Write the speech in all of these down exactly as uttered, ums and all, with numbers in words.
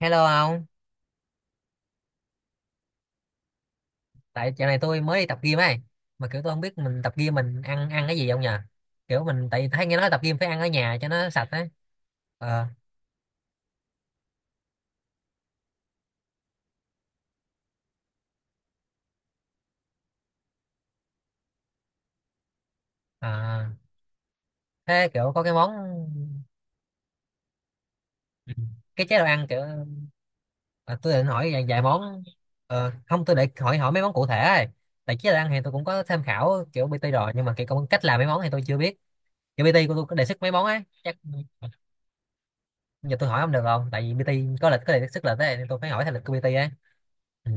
Hello ông, tại chỗ này tôi mới đi tập gym ấy, mà kiểu tôi không biết mình tập gym mình ăn ăn cái gì không nhờ. Kiểu mình tại vì thấy nghe nói tập gym phải ăn ở nhà cho nó sạch ấy. Ờ, à, thế kiểu có cái món. Ừ. Cái chế độ ăn kiểu à, tôi định hỏi vài, vài món. Ờ, không, tôi để hỏi hỏi mấy món cụ thể ấy. Tại chế độ ăn thì tôi cũng có tham khảo kiểu pê tê rồi, nhưng mà cái công- cách làm mấy món thì tôi chưa biết. Kiểu pê tê của tôi có đề xuất mấy món ấy, chắc giờ tôi hỏi không được không? Tại vì pê tê có lịch, có đề xuất lịch ấy, nên tôi phải hỏi theo lịch của pi ti ấy. Ừ,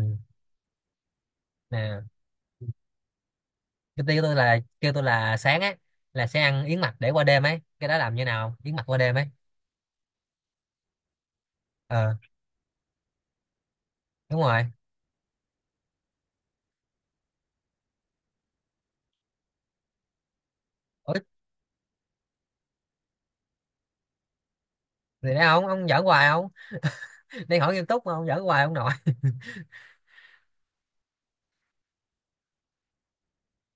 nè. Cái tiêu tôi là, kêu tôi là sáng á là sẽ ăn yến mạch để qua đêm ấy, cái đó làm như nào, yến mạch qua đêm ấy? Ờ, đúng rồi. Ủa, thì đấy ông ông giỡn hoài không, đang hỏi nghiêm túc mà ông giỡn hoài ông nội.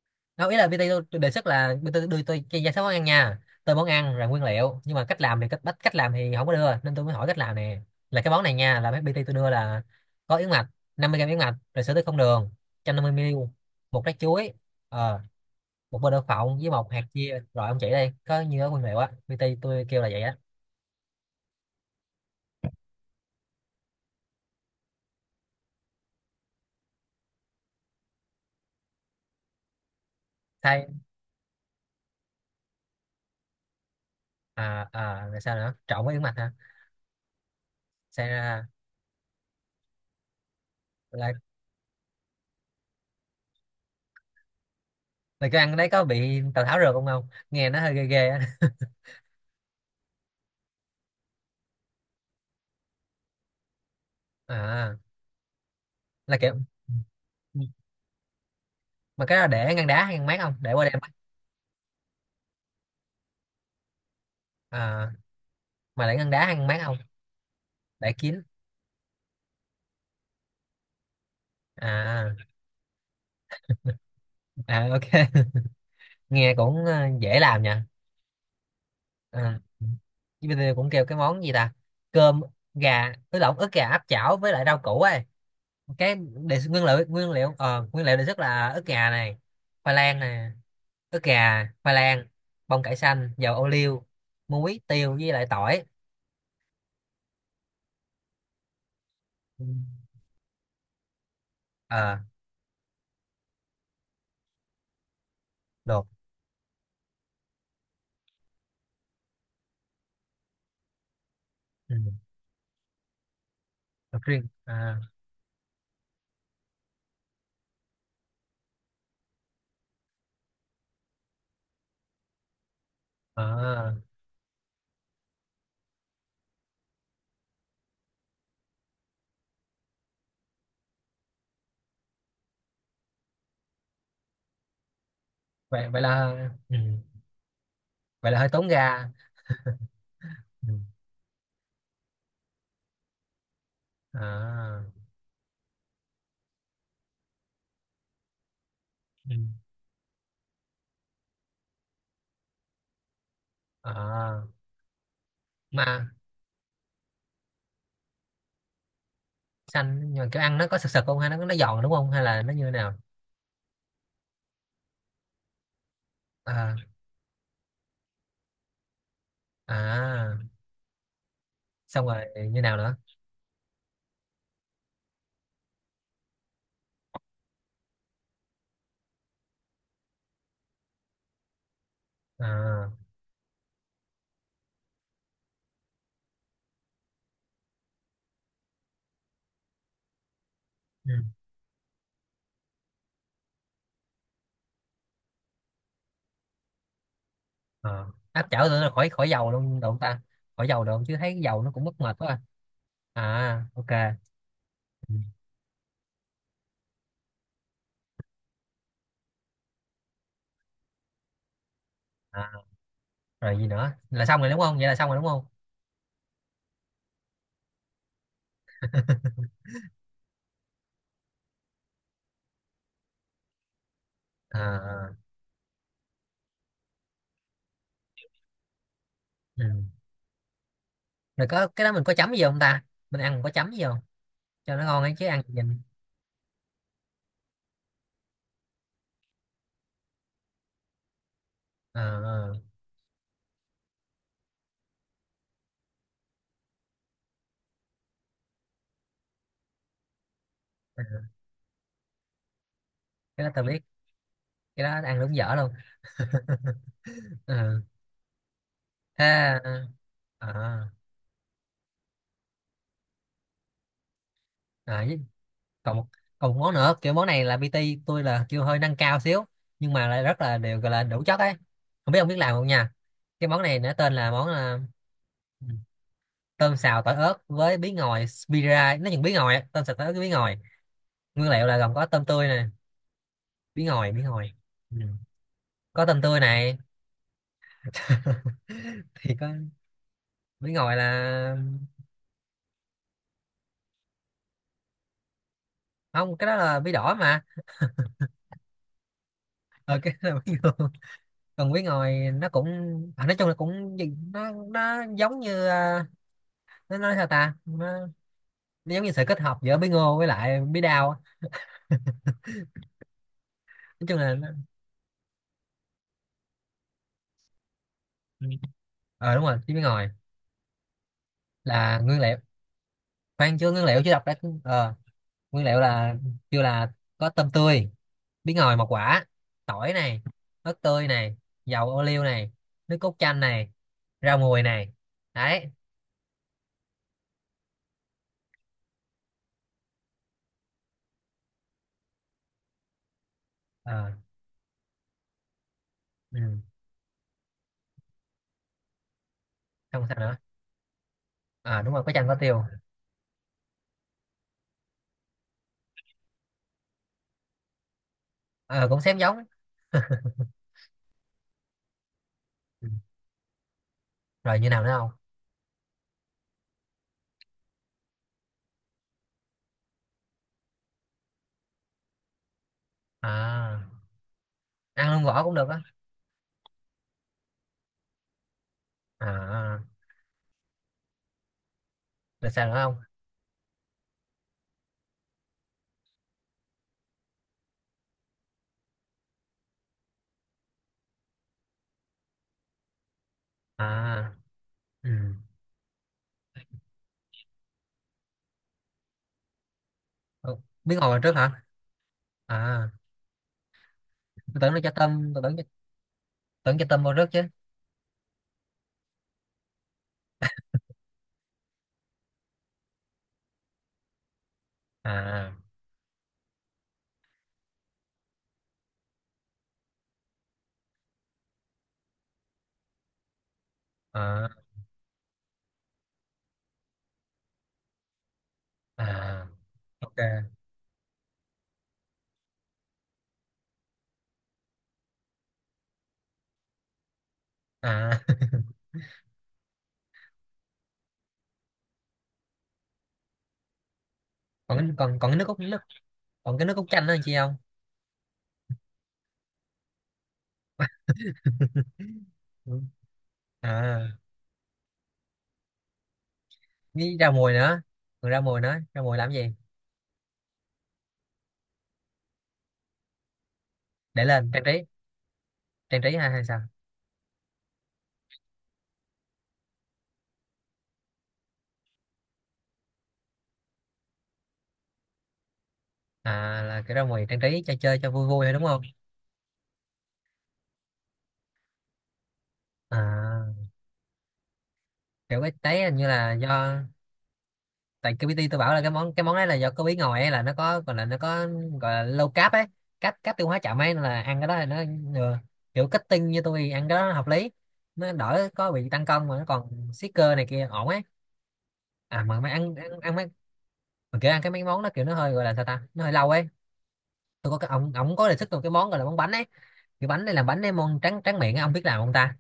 Đâu, ý là pê tê tôi, tôi đề xuất là pê tê đưa tôi cái danh sách món ăn nha, tôi món ăn rồi nguyên liệu, nhưng mà cách làm thì cách bắt cách làm thì không có đưa nên tôi mới hỏi cách làm nè. Là cái món này nha, là mấy pê tê tôi đưa là có yến mạch, năm mươi gram yến mạch, rồi sữa tươi không đường một trăm năm mươi mi li lít, một trái chuối, ờ, một bơ đậu phộng với một hạt chia, rồi ông chỉ đây, có như đó nguyên liệu á, pê tê tôi kêu là vậy á. Thay à à, rồi sao nữa, trộn với yến mạch hả? Xem ra là là cái ăn đấy có bị tào tháo rượt không không, nghe nó hơi ghê ghê á. À, là kiểu mà cái đó để ngăn đá hay ngăn mát, không để qua đêm á? À, mà để ngăn đá hay ngăn mát không? Để kín à. À ok. Nghe cũng ờ, dễ làm nha. À. Chứ bây giờ cũng kêu cái món gì ta, cơm gà ứ lộn ức gà áp chảo với lại rau củ ấy. Cái đề, nguyên liệu nguyên liệu ờ, nguyên liệu đề xuất là ức gà này, khoai lang này, ức gà, khoai lang, bông cải xanh, dầu ô liu, muối tiêu với lại tỏi. Ừ. Ờ, luộc. Ừ. Luộc riêng à. Ờ, vậy vậy là, ừ, vậy là hơi tốn ga. Ừ. À, ừ. Ờ, mà xanh, nhưng mà kiểu ăn nó có sực sực không, hay nó nó giòn đúng không, hay là nó như thế nào? À, à, xong rồi như nào nữa? À, ừ. Ờ. Áp chảo tưởng là khỏi khỏi dầu luôn được không ta, khỏi dầu được không, chứ thấy cái dầu nó cũng mất mệt quá. À, à ok. Ừ. À. Rồi gì nữa, là xong rồi đúng không, vậy là xong rồi đúng không? À, ừ. Rồi có cái đó mình có chấm gì không ta, mình ăn mình có chấm gì không, cho nó ngon ấy chứ ăn nhìn. À, à, cái đó tao biết, cái đó ăn đúng dở luôn. Ừ. Thế à, à, với- còn một, còn một món nữa, kiểu món này là pê tê tôi là kêu hơi nâng cao xíu nhưng mà lại rất là đều, gọi là đủ chất ấy, không biết ông biết làm không nha. Cái món này nó tên là món à, tôm xào tỏi ớt với bí ngòi, spira nó chừng bí ngòi á, tôm xào tỏi ớt với bí ngòi, nguyên liệu là gồm có tôm tươi nè, bí ngòi, bí ngòi. Ừ. Có tôm tươi này. Thì có bí ngòi là, không, cái đó là bí đỏ mà. Ờ, cái đó là bí ngòi. Còn bí ngòi nó cũng à, nói chung là cũng gì- nó nó giống như à, nó nói sao ta, nó, nó giống như sự kết hợp giữa bí ngô với lại bí đao á. Nói chung là nó... Ừ, ờ đúng rồi, chứ bí ngòi là nguyên liệu. Khoan, chưa, nguyên liệu chưa đọc đã. Ờ, nguyên liệu là, kêu là có tôm tươi, bí ngòi một quả, tỏi này, ớt tươi này, dầu ô liu này, nước cốt chanh này, rau mùi này, đấy. Ờ. Ừ. Không, sao nữa? À đúng rồi, có chanh, có tiêu. Ờ, cũng xém giống. Ừ. Rồi như nào nữa không? À, ăn luôn vỏ cũng được á? À, được, sao nữa không? À, ừ. Ủa, bí ngòi vào trước hả? À, tôi tưởng nó cho tôm, tôi tưởng tưởng cho tôm vào trước chứ. À, à, à ok. À. Còn, còn còn cái nước cốt nước, còn cái nước cốt chanh đó chị không? Ừ. À, với rau mùi nữa, còn rau mùi nữa, rau mùi làm gì, để lên trang trí, trang trí hay hay sao? À, là cái rau mùi trang trí cho chơi cho vui vui thôi đúng không? À, kiểu cái đấy hình như là do, tại cái pê tê tôi bảo là cái món cái món đấy là do có bí ngòi ấy, là nó có gọi là, nó có gọi là low carb ấy, cáp cáp tiêu hóa chậm ấy, nên là ăn cái đó là nó, ừ, kiểu kết tinh như tôi thì ăn cái đó nó hợp lý, nó đỡ có bị tăng cân mà nó còn siết cơ này kia ổn ấy. À mà mày ăn ăn, ăn mấy, mà kiểu ăn cái mấy món đó kiểu nó hơi, gọi là sao ta, nó hơi lâu ấy. Tôi có cái ông ông có đề xuất một cái món gọi là món bánh ấy, cái bánh này làm, bánh này món trắng trắng miệng á, ông biết làm không ta?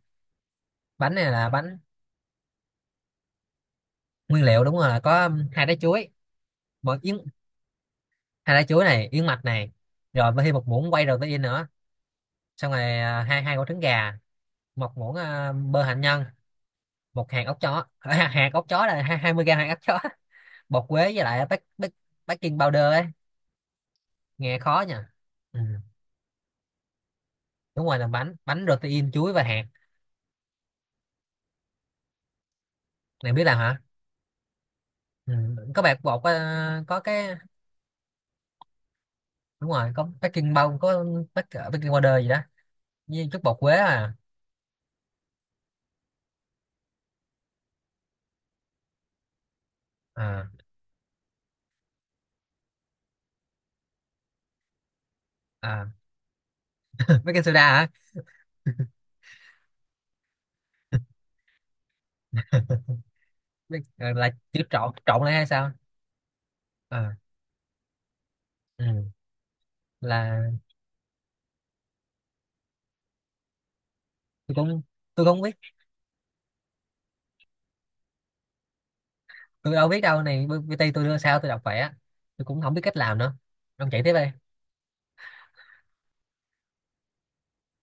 Bánh này là bánh, nguyên liệu đúng rồi, là có hai trái chuối, một yến, hai trái chuối này, yến mạch này, rồi mới thêm một muỗng quay protein nữa, xong rồi à, hai hai quả trứng gà, một muỗng à, bơ hạnh nhân, một hạt óc chó, hạt óc chó là hai- mươi gram hạt óc chó, bột quế với lại bác bác baking powder ấy, nghe khó nha. Ừ. Đúng rồi, làm bánh, bánh protein chuối và hạt, này biết làm hả? Ừ. Có bạc bột ờ, có cái, đúng rồi có baking bông có bác- baking powder gì đó, với chút bột quế. À. À. à Baking soda hả? Bak- ờ, là chữ trộn trộn lại hay sao? À, ừ. Là tôi cũng, tôi không biết, tôi đâu biết đâu này, pê tê tôi đưa sao tôi đọc vậy á, tôi cũng không biết cách làm nữa, ông chạy tiếp đây.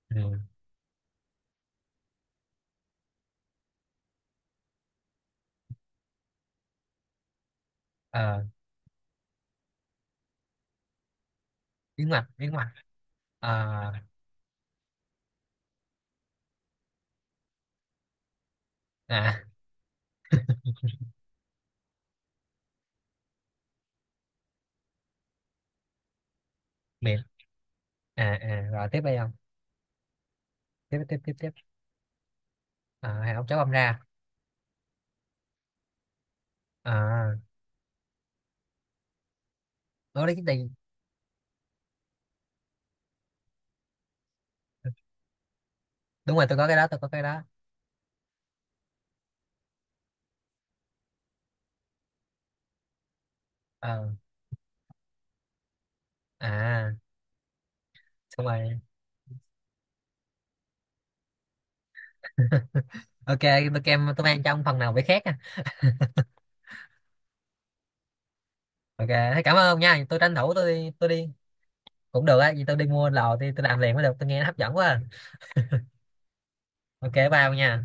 Ừ. À, yến mạch yến mạch. À, à, miệng. À, à rồi tiếp đây không? Tiếp tiếp tiếp Tiếp. À, hai ông cháu băm ra. À, đó đấy cái gì? Đúng rồi, tôi có cái đó tôi có cái đó. Ờ. À, xong rồi. Ok, bữa kem tôi mang trong phần nào phải khác nha. Ok, thế cảm ơn ông nha, tôi tranh thủ tôi đi tôi đi. Cũng được á, vì tôi đi mua lò thì tôi làm liền mới được, tôi nghe nó hấp dẫn quá à. Ok, bye ông nha.